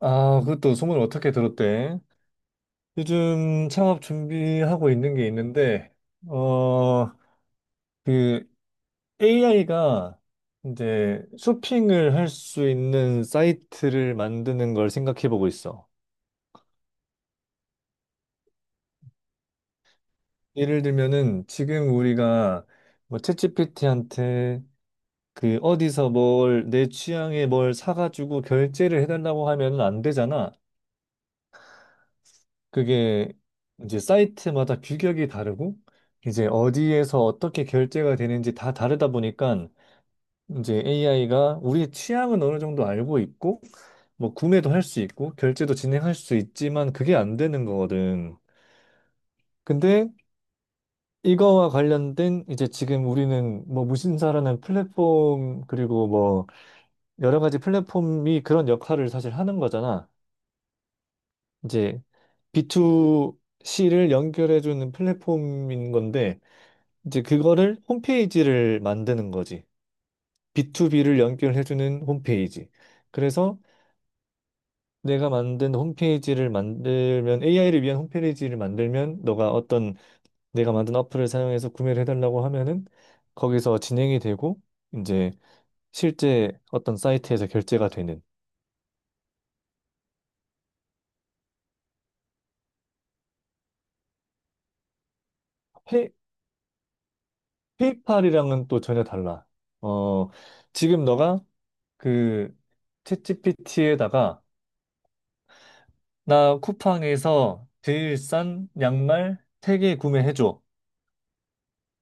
아, 그것도 소문을 어떻게 들었대? 요즘 창업 준비하고 있는 게 있는데, 어, 그 AI가 이제 쇼핑을 할 수 있는 사이트를 만드는 걸 생각해 보고 있어. 예를 들면은 지금 우리가 뭐 챗GPT한테 그 어디서 뭘 내 취향에 뭘 사가지고 결제를 해달라고 하면은 안 되잖아. 그게 이제 사이트마다 규격이 다르고 이제 어디에서 어떻게 결제가 되는지 다 다르다 보니까 이제 AI가 우리의 취향은 어느 정도 알고 있고 뭐 구매도 할 수 있고 결제도 진행할 수 있지만 그게 안 되는 거거든. 근데 이거와 관련된 이제 지금 우리는 뭐 무신사라는 플랫폼 그리고 뭐 여러 가지 플랫폼이 그런 역할을 사실 하는 거잖아. 이제 B2C를 연결해주는 플랫폼인 건데 이제 그거를 홈페이지를 만드는 거지. B2B를 연결해주는 홈페이지. 그래서 내가 만든 홈페이지를 만들면 AI를 위한 홈페이지를 만들면 너가 어떤 내가 만든 어플을 사용해서 구매를 해달라고 하면은 거기서 진행이 되고 이제 실제 어떤 사이트에서 결제가 되는 페, 페이팔이랑은 또 전혀 달라. 어, 지금 너가 그 챗GPT에다가 나 쿠팡에서 제일 싼 양말 3개 구매해줘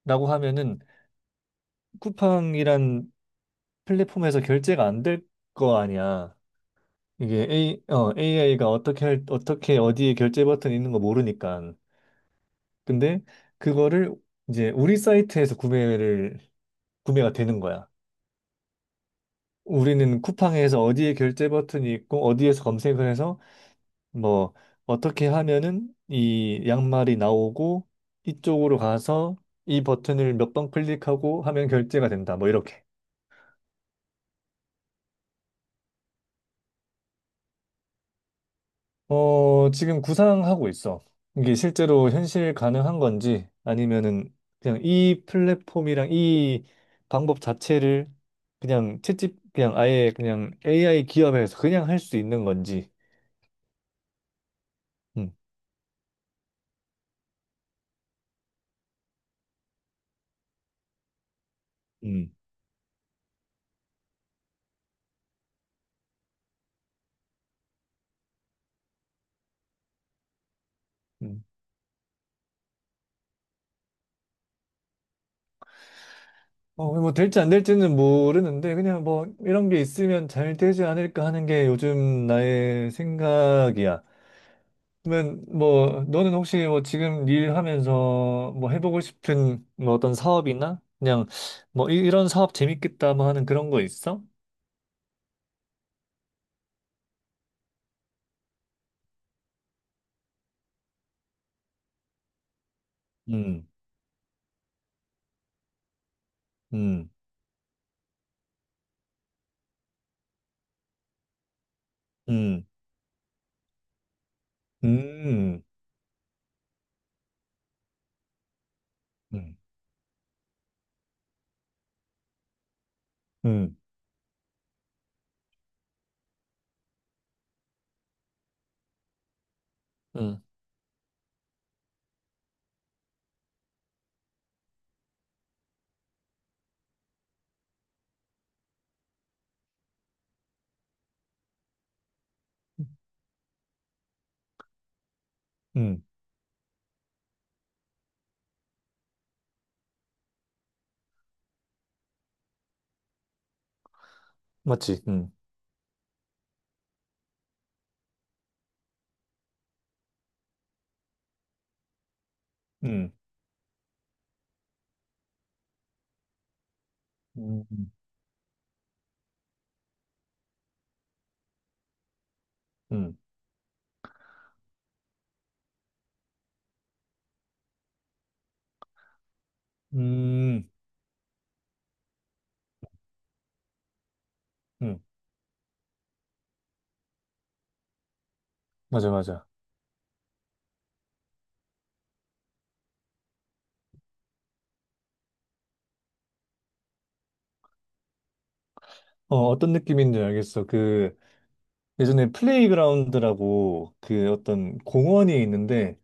라고 하면은 쿠팡이란 플랫폼에서 결제가 안 될 거 아니야. 이게 AI가 어떻게 어디에 결제 버튼 있는 거 모르니까. 근데 그거를 이제 우리 사이트에서 구매가 되는 거야. 우리는 쿠팡에서 어디에 결제 버튼이 있고 어디에서 검색을 해서 뭐 어떻게 하면은 이 양말이 나오고 이쪽으로 가서 이 버튼을 몇 번 클릭하고 하면 결제가 된다. 뭐 이렇게. 어, 지금 구상하고 있어. 이게 실제로 현실 가능한 건지 아니면은 그냥 이 플랫폼이랑 이 방법 자체를 그냥 채집 그냥 아예 그냥 AI 기업에서 그냥 할 수 있는 건지. 음, 음. 음. 어, 뭐 될지 안 될지는 모르는데 그냥 뭐 이런 게 있으면 잘 되지 않을까 하는 게 요즘 나의 생각이야. 그러면 뭐 너는 혹시 뭐 지금 일하면서 뭐 해보고 싶은 뭐 어떤 사업이나 그냥 뭐 이런 사업 재밌겠다 뭐 하는 그런 거 있어? 음, 음, 음, 음, 음, 음, 음, 음, 맞지? 음, 음, 음, 음, 음, 맞아, 맞아. 어, 어떤 느낌인지 알겠어. 예전에 플레이그라운드라고 그 어떤 공원이 있는데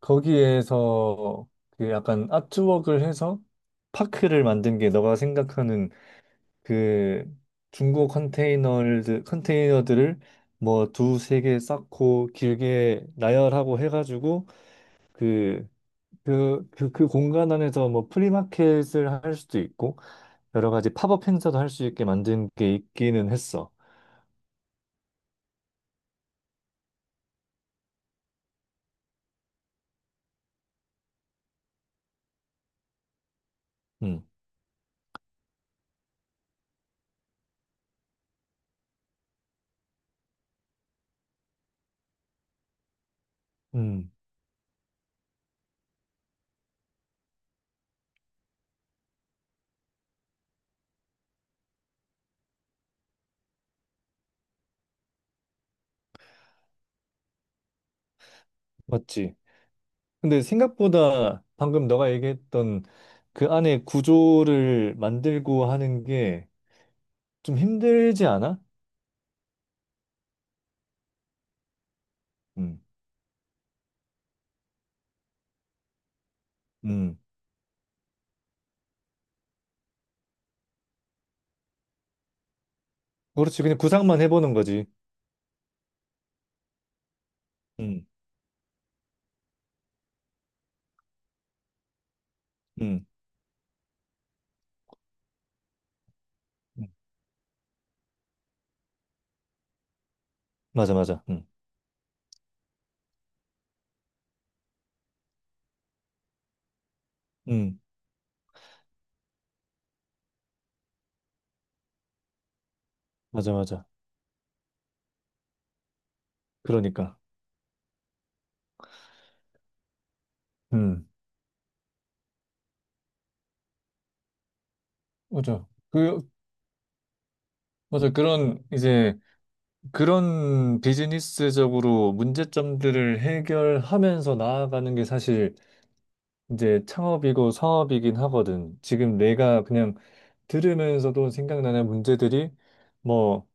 거기에서 그 약간 아트웍을 해서 파크를 만든 게 너가 생각하는 그 중고 컨테이너들을 뭐 두세 개 쌓고 길게 나열하고 해가지고 그 그 공간 안에서 뭐 프리마켓을 할 수도 있고 여러 가지 팝업 행사도 할 수 있게 만든 게 있기는 했어. 음, 음, 맞지? 근데 생각보다 방금 너가 얘기했던 그 안에 구조를 만들고 하는 게 좀 힘들지 않아? 음, 음. 그렇지. 그냥 구상만 해보는 거지. 음, 음. 음. 맞아, 맞아. 음. 맞아, 맞아. 그러니까. 음. 맞아. 그, 맞아. 그런, 이제, 그런 비즈니스적으로 문제점들을 해결하면서 나아가는 게 사실 이제 창업이고 사업이긴 하거든. 지금 내가 그냥 들으면서도 생각나는 문제들이 뭐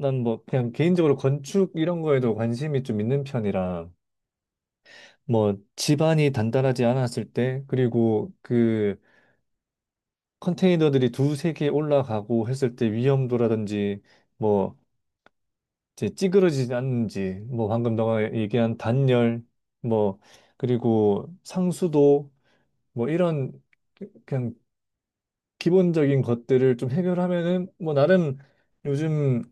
난 뭐 그냥 개인적으로 건축 이런 거에도 관심이 좀 있는 편이라 뭐 집안이 단단하지 않았을 때 그리고 그 컨테이너들이 두세 개 올라가고 했을 때 위험도라든지 뭐 이제 찌그러지지 않는지 뭐 방금 너가 얘기한 단열 뭐 그리고 상수도 뭐 이런 그 그냥 기본적인 것들을 좀 해결하면은 뭐 나름 요즘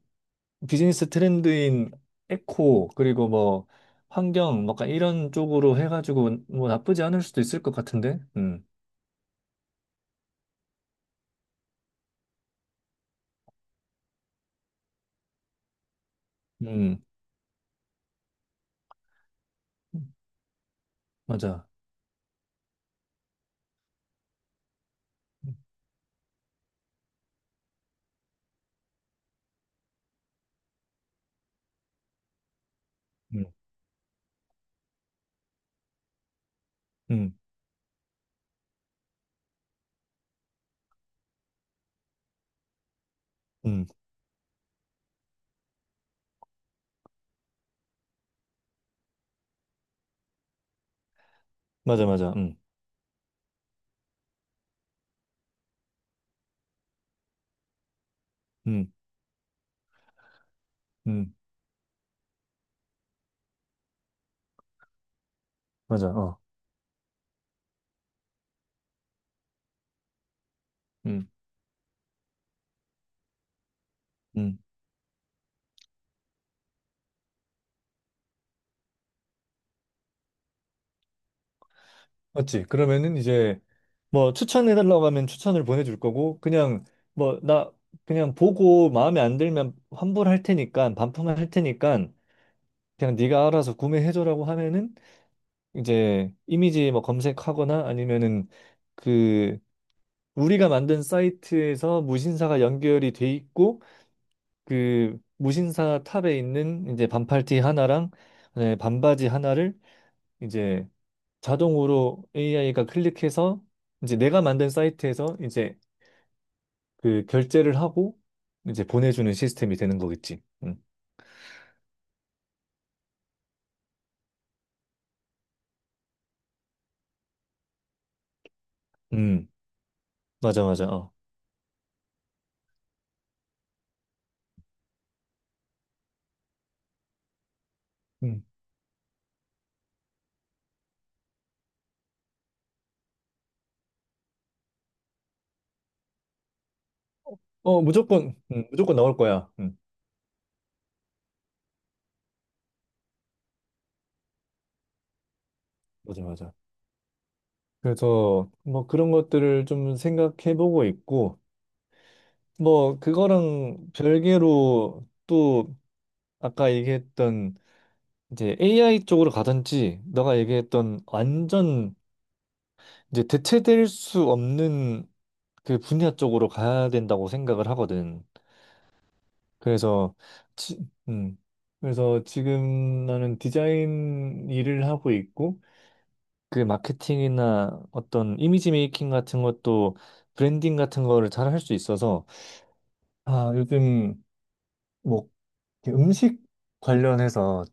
비즈니스 트렌드인 에코 그리고 뭐 환경 뭐 약간 이런 쪽으로 해가지고 뭐 나쁘지 않을 수도 있을 것 같은데. 음, 음, 맞아. 음, 음, 음, 맞아, 맞아. 음, 음, 음, 맞아. 어음음 맞지. 그러면은 이제 뭐 추천해달라고 하면 추천을 보내줄 거고 그냥 뭐 나 그냥 보고 마음에 안 들면 환불할 테니까 반품할 테니까 그냥 네가 알아서 구매해줘라고 하면은 이제 이미지 뭐 검색하거나 아니면은 그 우리가 만든 사이트에서 무신사가 연결이 돼 있고 그 무신사 탑에 있는 이제 반팔티 하나랑 네, 반바지 하나를 이제 자동으로 AI가 클릭해서 이제 내가 만든 사이트에서 이제 그 결제를 하고 이제 보내주는 시스템이 되는 거겠지. 음, 맞아, 맞아. 어, 음. 어, 무조건, 무조건 나올 거야. 맞아, 맞아. 그래서 뭐 그런 것들을 좀 생각해보고 있고 뭐 그거랑 별개로 또 아까 얘기했던 이제 AI 쪽으로 가든지 너가 얘기했던 완전 이제 대체될 수 없는 그 분야 쪽으로 가야 된다고 생각을 하거든. 그래서 지, 음. 그래서 지금 나는 디자인 일을 하고 있고 그 마케팅이나 어떤 이미지 메이킹 같은 것도 브랜딩 같은 거를 잘 할 수 있어서 아, 요즘 뭐 이렇게 음식 관련해서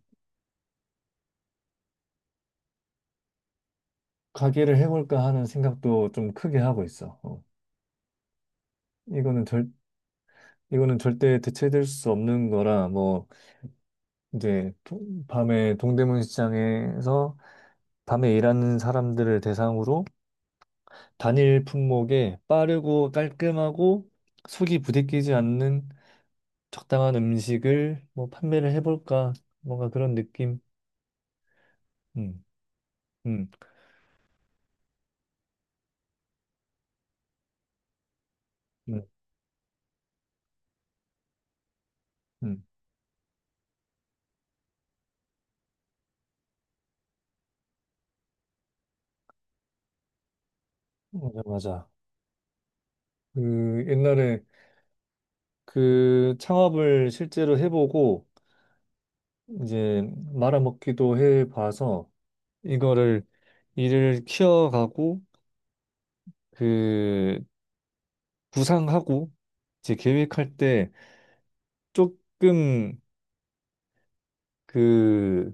가게를 해볼까 하는 생각도 좀 크게 하고 있어. 어, 이거는 절 이거는 절대 대체될 수 없는 거라 뭐 이제 밤에 동대문 시장에서 밤에 일하는 사람들을 대상으로 단일 품목에 빠르고 깔끔하고 속이 부대끼지 않는 적당한 음식을 뭐 판매를 해볼까 뭔가 그런 느낌. 음, 음, 음, 음. 맞아, 맞아. 그 옛날에 그 창업을 실제로 해보고 이제 말아먹기도 해봐서 이거를 일을 키워가고 그 구상하고 이제 계획할 때 조금 그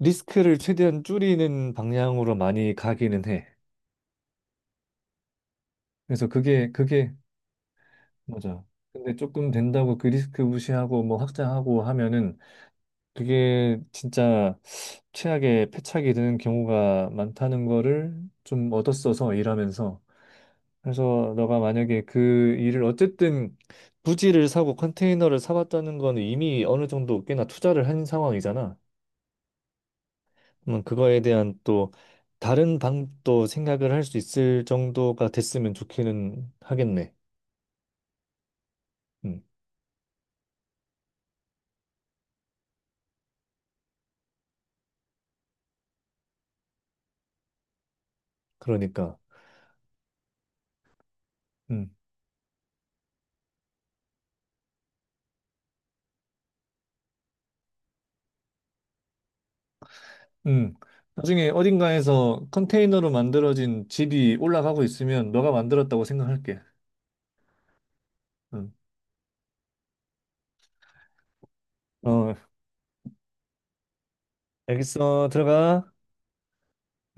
리스크를 최대한 줄이는 방향으로 많이 가기는 해. 그래서 그게 맞아. 근데 조금 된다고 그 리스크 무시하고 뭐 확장하고 하면은 그게 진짜 최악의 패착이 되는 경우가 많다는 거를 좀 얻었어서 일하면서. 그래서 너가 만약에 그 일을 어쨌든 부지를 사고 컨테이너를 사봤다는 건 이미 어느 정도 꽤나 투자를 한 상황이잖아. 그러면 그거에 대한 또 다른 방도 생각을 할 수 있을 정도가 됐으면 좋기는 하겠네. 음, 그러니까. 음. 음. 나중에 어딘가에서 컨테이너로 만들어진 집이 올라가고 있으면 너가 만들었다고 생각할게. 음. 어, 알겠어. 들어가. 음.